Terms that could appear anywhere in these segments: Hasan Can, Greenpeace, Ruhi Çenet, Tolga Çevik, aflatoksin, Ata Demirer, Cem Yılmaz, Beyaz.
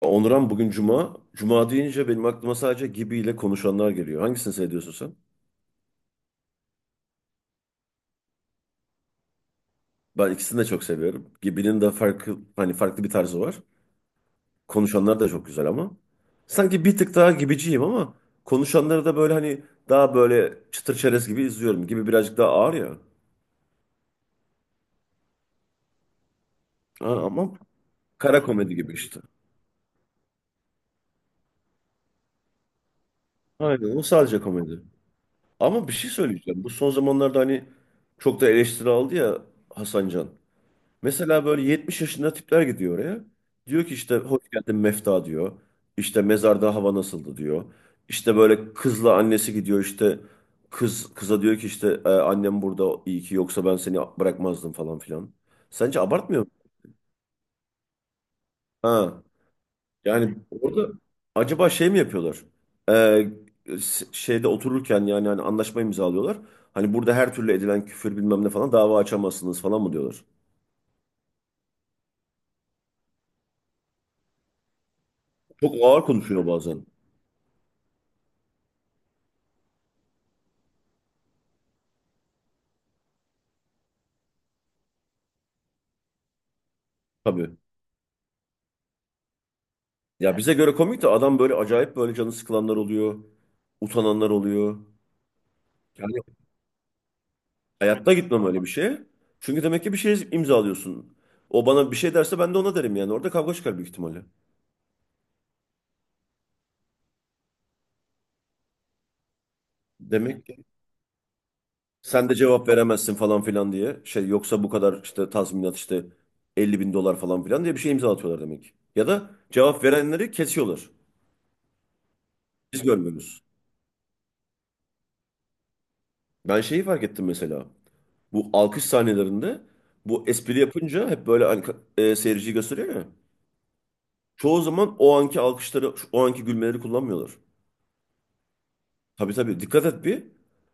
Onuran bugün Cuma. Cuma deyince benim aklıma sadece Gibi ile konuşanlar geliyor. Hangisini seviyorsun sen? Ben ikisini de çok seviyorum. Gibi'nin de farklı bir tarzı var. Konuşanlar da çok güzel ama. Sanki bir tık daha gibiciyim ama konuşanları da böyle hani daha böyle çıtır çerez gibi izliyorum. Gibi birazcık daha ağır ya. Ha, ama kara komedi gibi işte. Aynen, o sadece komedi. Ama bir şey söyleyeceğim. Bu son zamanlarda hani çok da eleştiri aldı ya Hasan Can. Mesela böyle 70 yaşında tipler gidiyor oraya. Diyor ki işte "hoş geldin Mefta" diyor. İşte "mezarda hava nasıldı" diyor. İşte böyle kızla annesi gidiyor, işte kız kıza diyor ki işte "E, "annem burada, iyi ki, yoksa ben seni bırakmazdım falan filan." Sence abartmıyor mu? Ha. Yani orada acaba şey mi yapıyorlar? Şeyde otururken yani hani anlaşma imzalıyorlar. Hani "burada her türlü edilen küfür bilmem ne falan dava açamazsınız" falan mı diyorlar? Çok ağır konuşuyor bazen. Tabii. Ya bize göre komik de adam, böyle acayip, böyle canı sıkılanlar oluyor. Utananlar oluyor. Yani hayatta gitmem öyle bir şeye. Çünkü demek ki bir şey imzalıyorsun. O bana bir şey derse ben de ona derim yani. Orada kavga çıkar büyük ihtimalle. Demek ki sen de cevap veremezsin falan filan diye. Şey, yoksa bu kadar işte tazminat, işte 50.000 dolar falan filan diye bir şey imza atıyorlar demek ki. Ya da cevap verenleri kesiyorlar. Biz görmüyoruz. Ben şeyi fark ettim mesela. Bu alkış sahnelerinde, bu espri yapınca hep böyle hani, seyirciyi gösteriyor ya, çoğu zaman o anki alkışları, o anki gülmeleri kullanmıyorlar. Tabii tabii, dikkat et bir.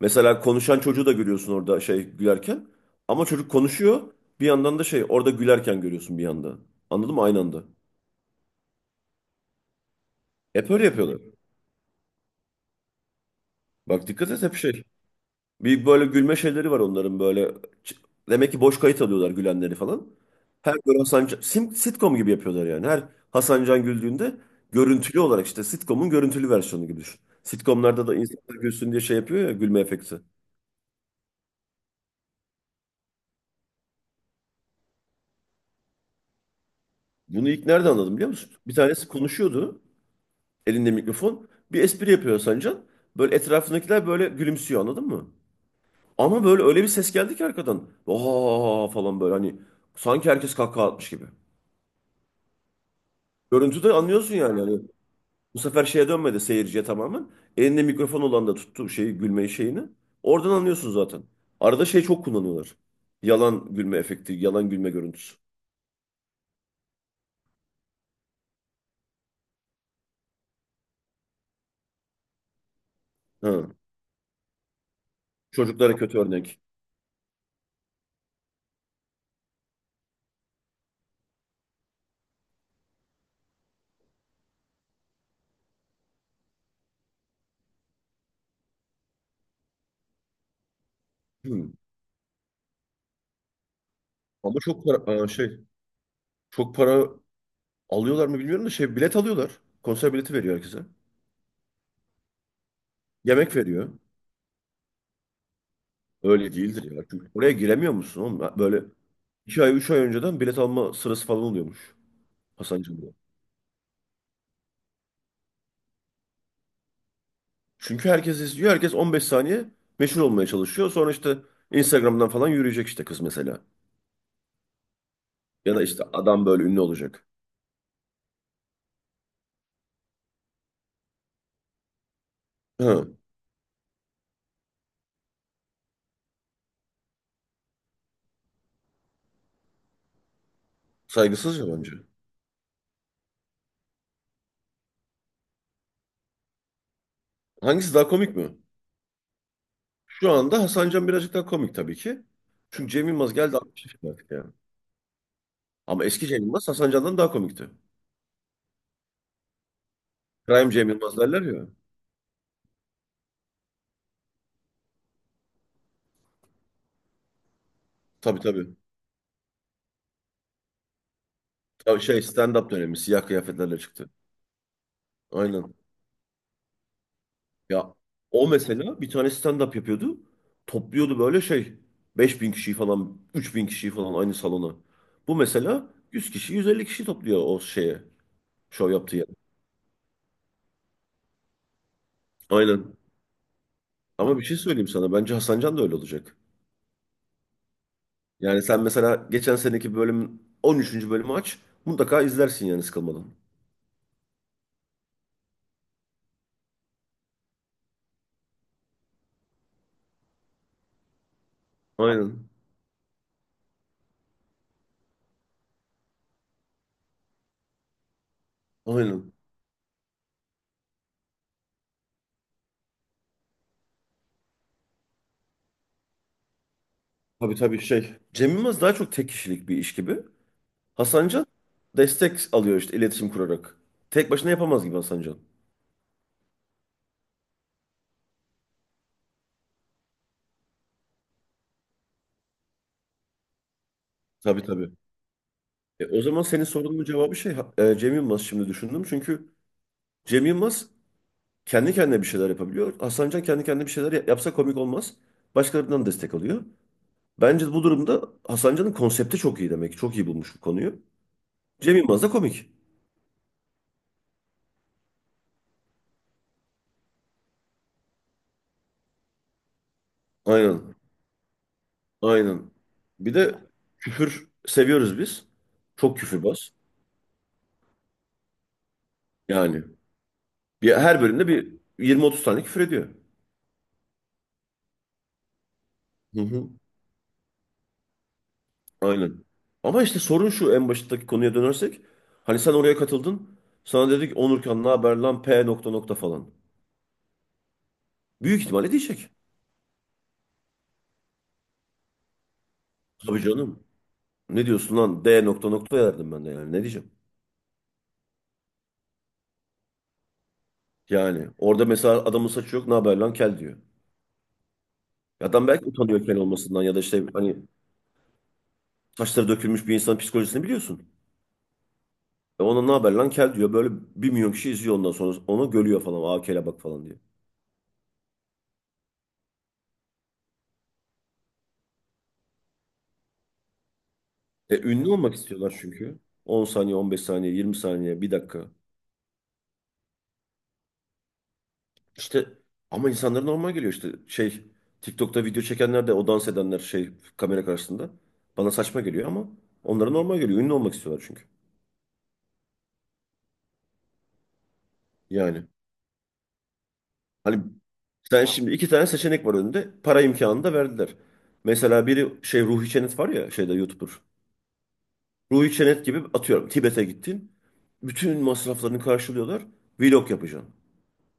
Mesela konuşan çocuğu da görüyorsun orada şey gülerken. Ama çocuk konuşuyor. Bir yandan da şey, orada gülerken görüyorsun bir yanda. Anladın mı? Aynı anda. Hep öyle yapıyorlar. Bak dikkat et, hep şey. Bir böyle gülme şeyleri var onların böyle. Ç- Demek ki boş kayıt alıyorlar gülenleri falan. Her böyle sitcom gibi yapıyorlar yani. Her Hasan Can güldüğünde görüntülü olarak, işte sitcom'un görüntülü versiyonu gibi düşün. Sitcomlarda da insanlar gülsün diye şey yapıyor ya, gülme efekti. Bunu ilk nerede anladım biliyor musun? Bir tanesi konuşuyordu elinde mikrofon. Bir espri yapıyor Sancan. Böyle etrafındakiler böyle gülümsüyor, anladın mı? Ama böyle öyle bir ses geldi ki arkadan. Oha falan, böyle hani sanki herkes kahkaha atmış gibi. Görüntüde anlıyorsun yani. Hani bu sefer şeye dönmedi, seyirciye tamamen. Elinde mikrofon olan da tuttu şeyi, gülmeyi şeyini. Oradan anlıyorsun zaten. Arada şey çok kullanıyorlar. Yalan gülme efekti, yalan gülme görüntüsü. Ha. Çocuklara kötü örnek. Hmm. Ama çok para alıyorlar mı bilmiyorum da, şey, bilet alıyorlar. Konser bileti veriyor herkese. Yemek veriyor. Öyle değildir ya. Çünkü oraya giremiyor musun oğlum? Ha, böyle 2 ay, 3 ay önceden bilet alma sırası falan oluyormuş. Hasancı'da. Çünkü herkes izliyor. Herkes 15 saniye meşhur olmaya çalışıyor. Sonra işte Instagram'dan falan yürüyecek işte, kız mesela. Ya da işte adam böyle ünlü olacak. Hı, saygısızca bence. Hangisi daha komik mi? Şu anda Hasan Can birazcık daha komik tabii ki. Çünkü Cem Yılmaz geldi 60 yaşında artık ya. Ama eski Cem Yılmaz Hasan Can'dan daha komikti. Prime Cem Yılmaz derler ya. Tabii tabii. Tabii şey, stand-up dönemi siyah kıyafetlerle çıktı. Aynen. Ya o mesela bir tane stand-up yapıyordu. Topluyordu böyle şey, 5.000 kişiyi falan, 3.000 kişiyi falan aynı salona. Bu mesela 100 kişi, 150 kişi topluyor o şeye. Şov yaptığı yer. Aynen. Ama bir şey söyleyeyim sana. Bence Hasan Can da öyle olacak. Yani sen mesela geçen seneki bölümün 13. bölümü aç. Mutlaka izlersin yani, sıkılmadan. Aynen. Aynen. Tabii tabii, şey. Cem Yılmaz daha çok tek kişilik bir iş gibi. Hasancan destek alıyor işte, iletişim kurarak. Tek başına yapamaz gibi Hasancan. Tabii tabii. E, o zaman senin sorunun cevabı şey Cem Yılmaz, şimdi düşündüm. Çünkü Cem Yılmaz kendi kendine bir şeyler yapabiliyor. Hasancan kendi kendine bir şeyler yapsa komik olmaz. Başkalarından destek alıyor. Bence bu durumda Hasancan'ın konsepti çok iyi demek ki. Çok iyi bulmuş bu konuyu. Cem Yılmaz da komik. Aynen. Aynen. Bir de küfür seviyoruz biz. Çok küfürbaz. Yani bir, her bölümde bir 20-30 tane küfür ediyor. Hı hı. Aynen. Ama işte sorun şu, en baştaki konuya dönersek. Hani sen oraya katıldın. Sana dedik "Onurkan ne haber lan, P nokta nokta" falan. Büyük ihtimalle diyecek. Tabii canım. "Ne diyorsun lan D nokta nokta" derdim ben de yani, ne diyeceğim. Yani orada mesela adamın saçı yok, "ne haber lan kel" diyor. Adam belki utanıyor kel olmasından, ya da işte hani saçları dökülmüş bir insanın psikolojisini biliyorsun. E ona "ne haber lan kel" diyor, böyle 1.000.000 kişi izliyor, ondan sonra onu görüyor falan, "kele bak" falan diye. E, ünlü olmak istiyorlar çünkü. 10 saniye, 15 saniye, 20 saniye, bir dakika. İşte, ama insanlara normal geliyor işte. Şey, TikTok'ta video çekenler de, o dans edenler şey, kamera karşısında. Bana saçma geliyor ama onlara normal geliyor. Ünlü olmak istiyorlar çünkü. Yani hani, sen şimdi, iki tane seçenek var önünde. Para imkanını da verdiler. Mesela biri şey, Ruhi Çenet var ya şeyde, YouTuber. Ruhi Çenet gibi atıyorum Tibet'e gittin. Bütün masraflarını karşılıyorlar. Vlog yapacaksın.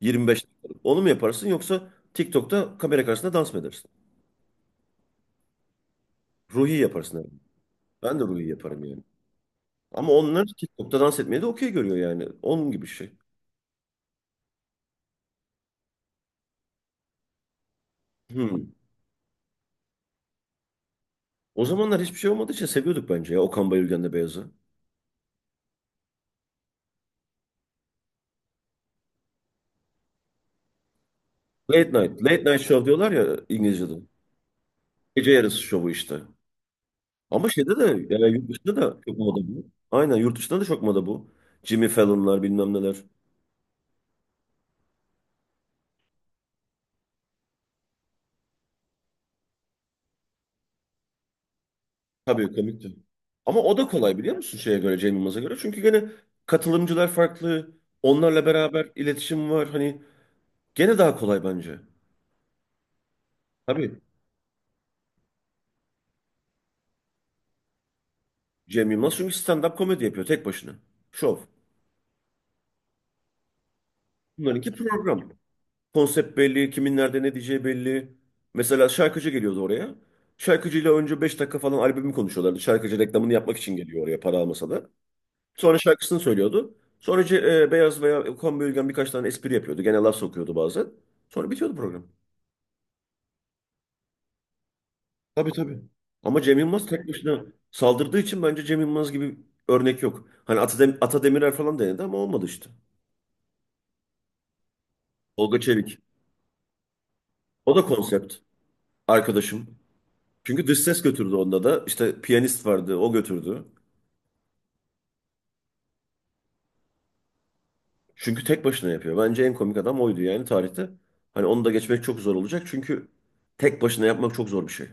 25 dakikalık. Onu mu yaparsın, yoksa TikTok'ta kamera karşısında dans mı edersin? Ruhi yaparsın herhalde. Ben de Ruhi yaparım yani. Ama onlar TikTok'ta dans etmeyi de okey görüyor yani. Onun gibi bir şey. Hmm. O zamanlar hiçbir şey olmadığı için seviyorduk bence ya, Okan Bayülgen'le Beyaz'ı. Late night show diyorlar ya İngilizce'de. Gece yarısı şovu işte. Ama şeyde de yani, yurt dışında da çok moda bu. Aynen, yurt dışında da çok moda bu. Jimmy Fallon'lar bilmem neler. Tabii komikti. Ama o da kolay biliyor musun şeye göre, Cem Yılmaz'a göre. Çünkü gene katılımcılar farklı. Onlarla beraber iletişim var. Hani gene daha kolay bence. Tabii, Cem Yılmaz çünkü stand-up komedi yapıyor tek başına. Şov. Bunlarınki program. Konsept belli, kimin nerede ne diyeceği belli. Mesela şarkıcı geliyordu oraya. Şarkıcıyla önce 5 dakika falan albümü konuşuyorlardı. Şarkıcı reklamını yapmak için geliyor oraya, para almasa da. Sonra şarkısını söylüyordu. Sonra Beyaz veya Kombi Ülgen birkaç tane espri yapıyordu. Gene laf sokuyordu bazen. Sonra bitiyordu program. Tabii tabii. Ama Cem Yılmaz tek başına saldırdığı için bence Cem Yılmaz gibi örnek yok. Hani Ata Demirer falan denedi ama olmadı işte. Tolga Çevik. O da konsept. Arkadaşım. Çünkü dış ses götürdü onda da. İşte piyanist vardı, o götürdü. Çünkü tek başına yapıyor. Bence en komik adam oydu yani tarihte. Hani onu da geçmek çok zor olacak çünkü tek başına yapmak çok zor bir şey.